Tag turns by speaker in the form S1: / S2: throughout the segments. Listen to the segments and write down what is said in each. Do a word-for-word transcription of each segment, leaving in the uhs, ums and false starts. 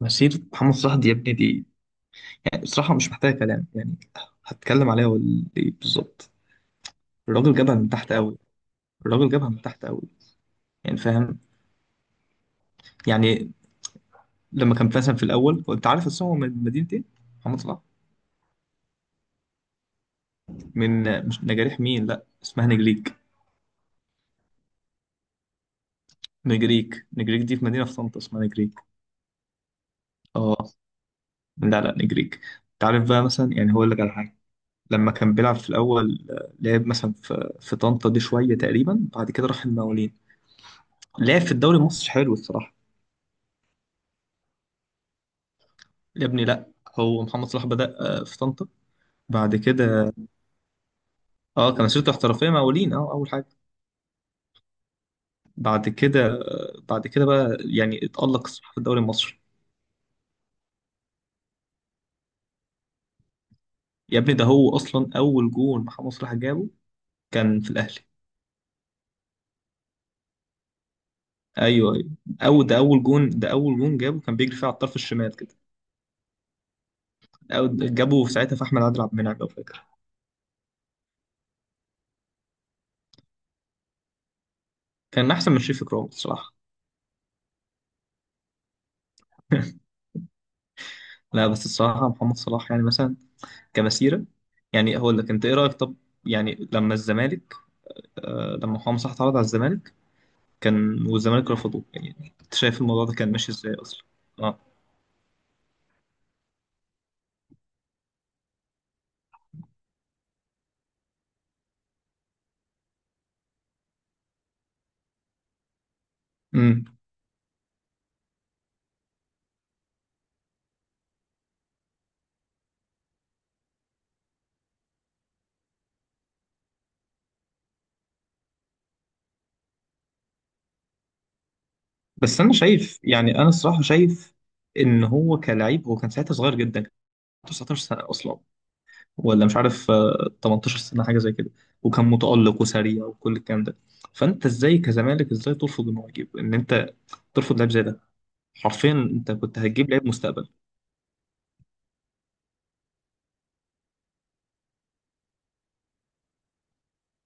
S1: مسيرة محمد صلاح دي يا ابني دي، يعني بصراحة مش محتاجة كلام. يعني هتكلم عليها ولا إيه بالظبط؟ الراجل جابها من تحت قوي. الراجل جابها من تحت قوي، يعني فاهم؟ يعني لما كان مثلا في الأول، وأنت عارف أصلا هو من مدينة إيه؟ محمد صلاح، من مش نجاريح مين، لا اسمها نجريك. نجريك نجريك دي، في مدينة في طنطا اسمها نجريك. اه، لا لا، نجريك. أنت عارف بقى مثلا، يعني هقول لك على حاجة. لما كان بيلعب في الأول، آه، لعب مثلا في في طنطا دي شوية تقريبا، بعد كده راح المقاولين، لعب في الدوري المصري حلو الصراحة. يا ابني لا، هو محمد صلاح بدأ، آه، في طنطا. بعد كده، اه، كان مسيرته احترافيه مع مقاولين، اه، اول حاجه. بعد كده، آه، بعد كده بقى، يعني اتألق صلاح في الدوري المصري. يا ابني ده هو اصلا اول جون محمد صلاح جابه كان في الاهلي. ايوه ايوه، او ده اول جون، ده اول جون جابه كان بيجري فيه على الطرف الشمال كده. أو جابه في ساعتها في احمد عادل عبد المنعم لو فاكر. كان احسن من شريف اكرام الصراحه. لا بس الصراحه محمد صلاح يعني، مثلا كمسيره، يعني هقول لك، انت ايه رايك طب؟ يعني لما الزمالك، آه، لما حسام صح اتعرض على الزمالك، كان والزمالك رفضوه، يعني انت شايف الموضوع ده كان ماشي ازاي اصلا؟ اه. امم بس انا شايف، يعني انا الصراحه شايف ان هو كلاعب، هو كان ساعتها صغير جدا. كان عنده تسعتاشر سنه اصلا، ولا مش عارف، آه، ثمانية عشر سنه حاجه زي كده. وكان متالق وسريع وكل الكلام ده. فانت ازاي كزمالك، ازاي ترفض انه يجيب، ان انت ترفض لاعب زي ده؟ حرفيا انت كنت هتجيب لاعب مستقبل.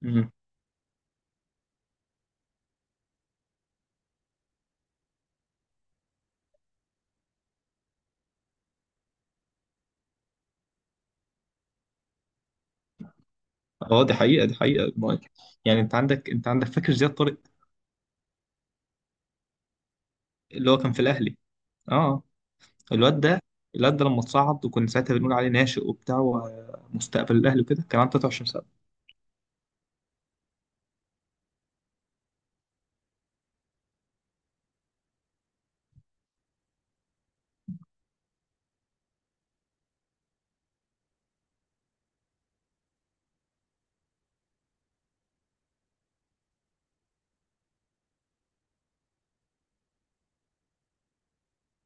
S1: امم اه، دي حقيقه، دي حقيقه مايك. يعني انت عندك انت عندك فاكر زياد طارق اللي هو كان في الاهلي؟ اه، الواد ده، الواد ده لما اتصعد وكنا ساعتها بنقول عليه ناشئ وبتاع ومستقبل الاهلي وكده، كان عنده تلاتة وعشرين سنه.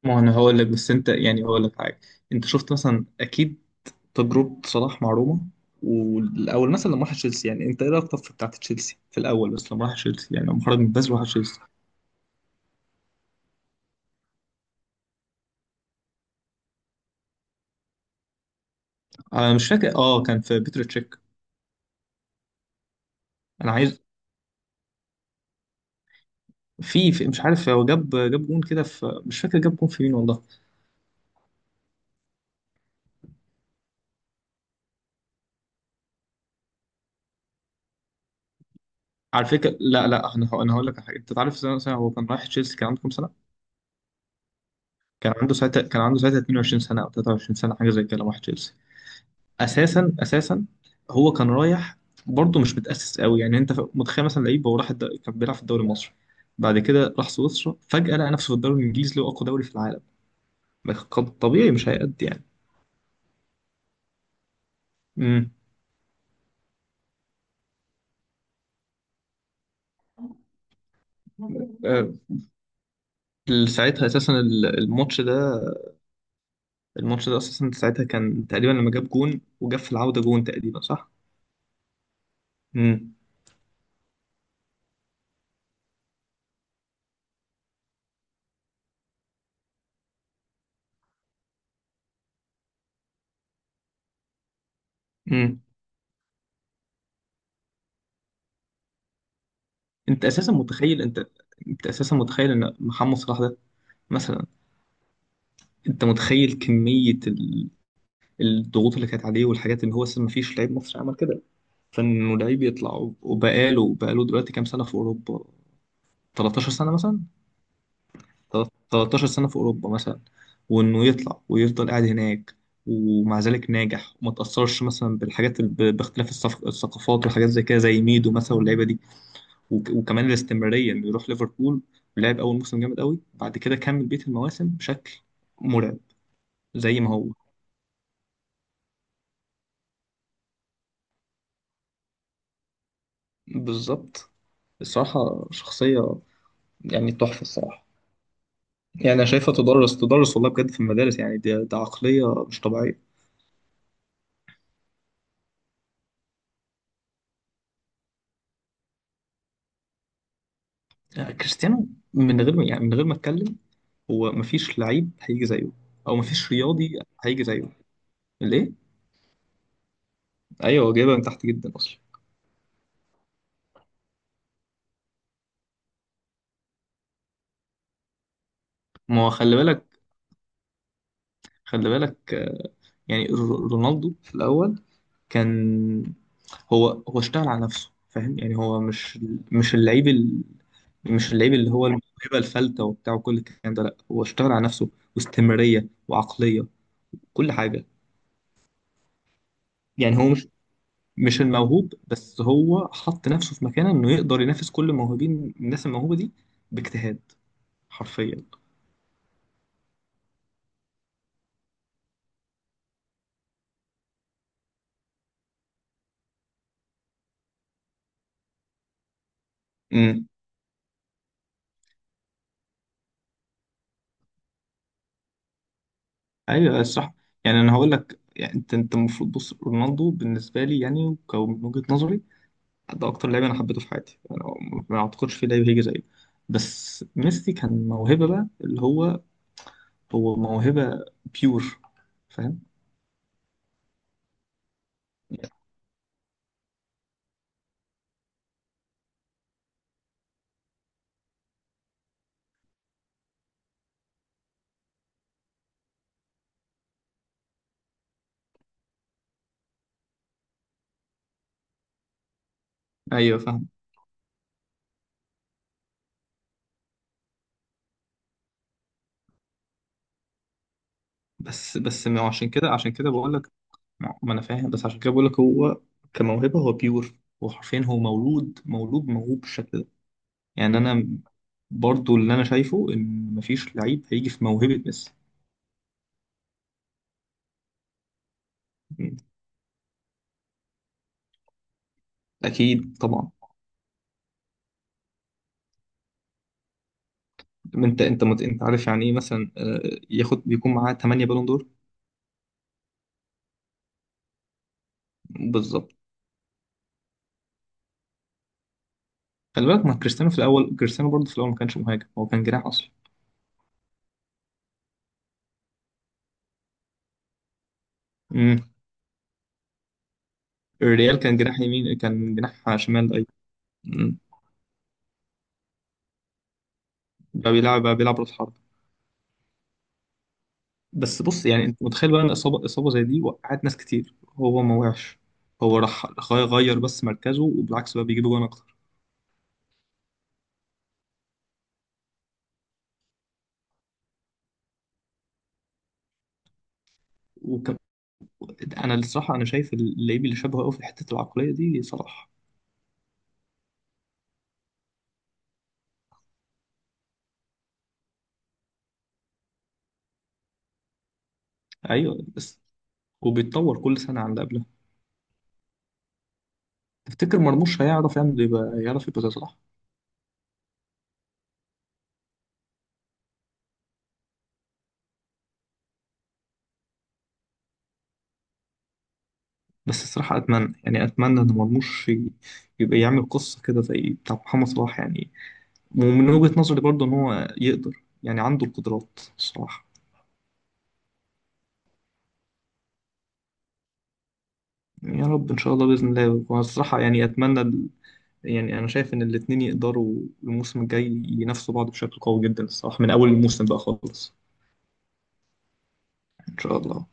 S1: ما هو انا هقول لك، بس انت، يعني هقول لك حاجه. انت شفت مثلا اكيد تجربه صلاح مع روما، والاول مثلا لما راح تشيلسي. يعني انت ايه رايك طب في بتاعه تشيلسي في الاول، بس لما راح تشيلسي، يعني لما خرج من بازل وراح تشيلسي؟ انا مش فاكر، اه كان في بيتر تشيك. انا عايز، في, في مش عارف هو جاب جاب جون كده في، مش فاكر جاب جون في مين والله. على فكره، لا لا، انا هقول- انا هقول لك على حاجه. انت تعرف سنه، سنة هو كان رايح تشيلسي كان عنده كام سنه؟ كان عنده ساعتها كان عنده ساعتها اتنين وعشرين سنة أو ثلاثة وعشرون سنة حاجة زي كده، راح تشيلسي. أساسا أساسا، هو كان رايح، برضه مش متأسس قوي. يعني أنت، ف- متخيل مثلا لعيب، هو راح الد... كان بيلعب في الدوري المصري، بعد كده راح سويسرا، فجأة لقى نفسه في الدوري الإنجليزي اللي هو أقوى دوري في العالم. قد- طبيعي مش هيأدي يعني. امم آه، ساعتها أساسا ال- الماتش ده، الماتش ده أساسا ساعتها كان تقريبا لما جاب جون وجاب في العودة جون تقريبا، صح؟ امم امم أنت أساسا متخيل، أنت أنت أساسا متخيل إن محمد صلاح ده، مثلا انت متخيل كمية ال- الضغوط اللي كانت عليه، والحاجات اللي هو اصلا مفيش لعيب مصري عمل كده، فانه لعيب يطلع. وبقاله بقاله دلوقتي كام سنة في اوروبا؟ تلتاشر سنة مثلا، تلت- تلتاشر سنة في اوروبا مثلا. وانه يطلع ويفضل قاعد هناك ومع ذلك ناجح، وما تأثرش مثلا بالحاجات، ال- ب- باختلاف الصف- الثقافات وحاجات زي كده، زي ميدو مثلا واللعيبة دي. وك- وكمان الاستمرارية، انه يروح ليفربول، لعب اول موسم جامد قوي، بعد كده كمل بقية المواسم بشكل مرعب. زي ما هو، بالظبط. الصراحة شخصية يعني تحفة الصراحة. يعني أنا شايفها تدرس، تدرس والله بجد في المدارس. يعني ده, ده عقلية مش طبيعية. يعني كريستيانو، من غير ما، يعني من غير ما أتكلم هو مفيش لعيب هيجي زيه، أو مفيش رياضي هيجي زيه. ليه؟ أيوه هو جايبها من تحت جدا أصلا. ما هو خلي بالك، خلي بالك آه، يعني، ر- رونالدو في الأول كان، هو هو اشتغل على نفسه. فاهم يعني، هو مش، مش اللعيب مش اللعيب اللي هو الموهبة الفلتة وبتاع وكل الكلام ده. لا، هو اشتغل على نفسه، واستمرارية وعقلية، كل حاجة. يعني هو مش، مش الموهوب بس، هو حط نفسه في مكانه انه يقدر ينافس كل الموهوبين، الناس الموهوبة دي، باجتهاد حرفيا. امم ايوه الصح. يعني انا هقول لك، يعني انت انت المفروض، بص رونالدو بالنسبة لي يعني، ومن وجهة نظري، ده اكتر لعيب انا حبيته في حياتي انا. ما اعتقدش في لعيب هيجي زيه. بس ميسي كان موهبة بقى، اللي هو، هو موهبة بيور، فاهم؟ ايوه فاهم. بس بس ما هو عشان كده، عشان كده بقول لك، ما ما انا فاهم، بس عشان كده بقول لك هو كموهبة هو بيور. هو حرفيا هو مولود، مولود موهوب بالشكل ده. يعني انا برضو اللي انا شايفه ان مفيش لعيب هيجي في موهبة ميسي. مم. اكيد طبعا. انت انت مت... انت عارف يعني ايه مثلا؟ آه، ياخد بيكون معاه ثمانية بالون دور. بالظبط. خلي بالك، ما كريستيانو في الاول، كريستيانو برضه في الاول ما كانش مهاجم، هو كان جناح اصلا. الريال كان جناح يمين، كان جناح شمال، اي. مم. بقى بيلعب، بقى بيلعب راس حرب. بس بص يعني، انت متخيل بقى ان اصابه، اصابه زي دي وقعت ناس كتير، هو ما وقعش، هو راح غير غير بس مركزه، وبالعكس بقى بيجيب جوان اكتر. وك... انا الصراحه، انا شايف اللعيب اللي شبهه قوي في حته العقليه دي صلاح. ايوه بس، وبيتطور كل سنه عن اللي قبلها. تفتكر مرموش هيعرف يعمل، يبقى يعرف يبقى زي صلاح؟ بس الصراحه اتمنى، يعني اتمنى ان مرموش، ي- يبقى يعمل قصه كده زي بتاع محمد صلاح يعني. ومن وجهة نظري برضه إن هو يقدر، يعني عنده القدرات الصراحة. يا رب إن شاء الله بإذن الله. وأنا الصراحة يعني أتمنى ال- يعني أنا شايف إن الاتنين يقدروا الموسم الجاي ينافسوا بعض بشكل قوي جدا الصراحة، من أول الموسم بقى خالص. إن شاء الله.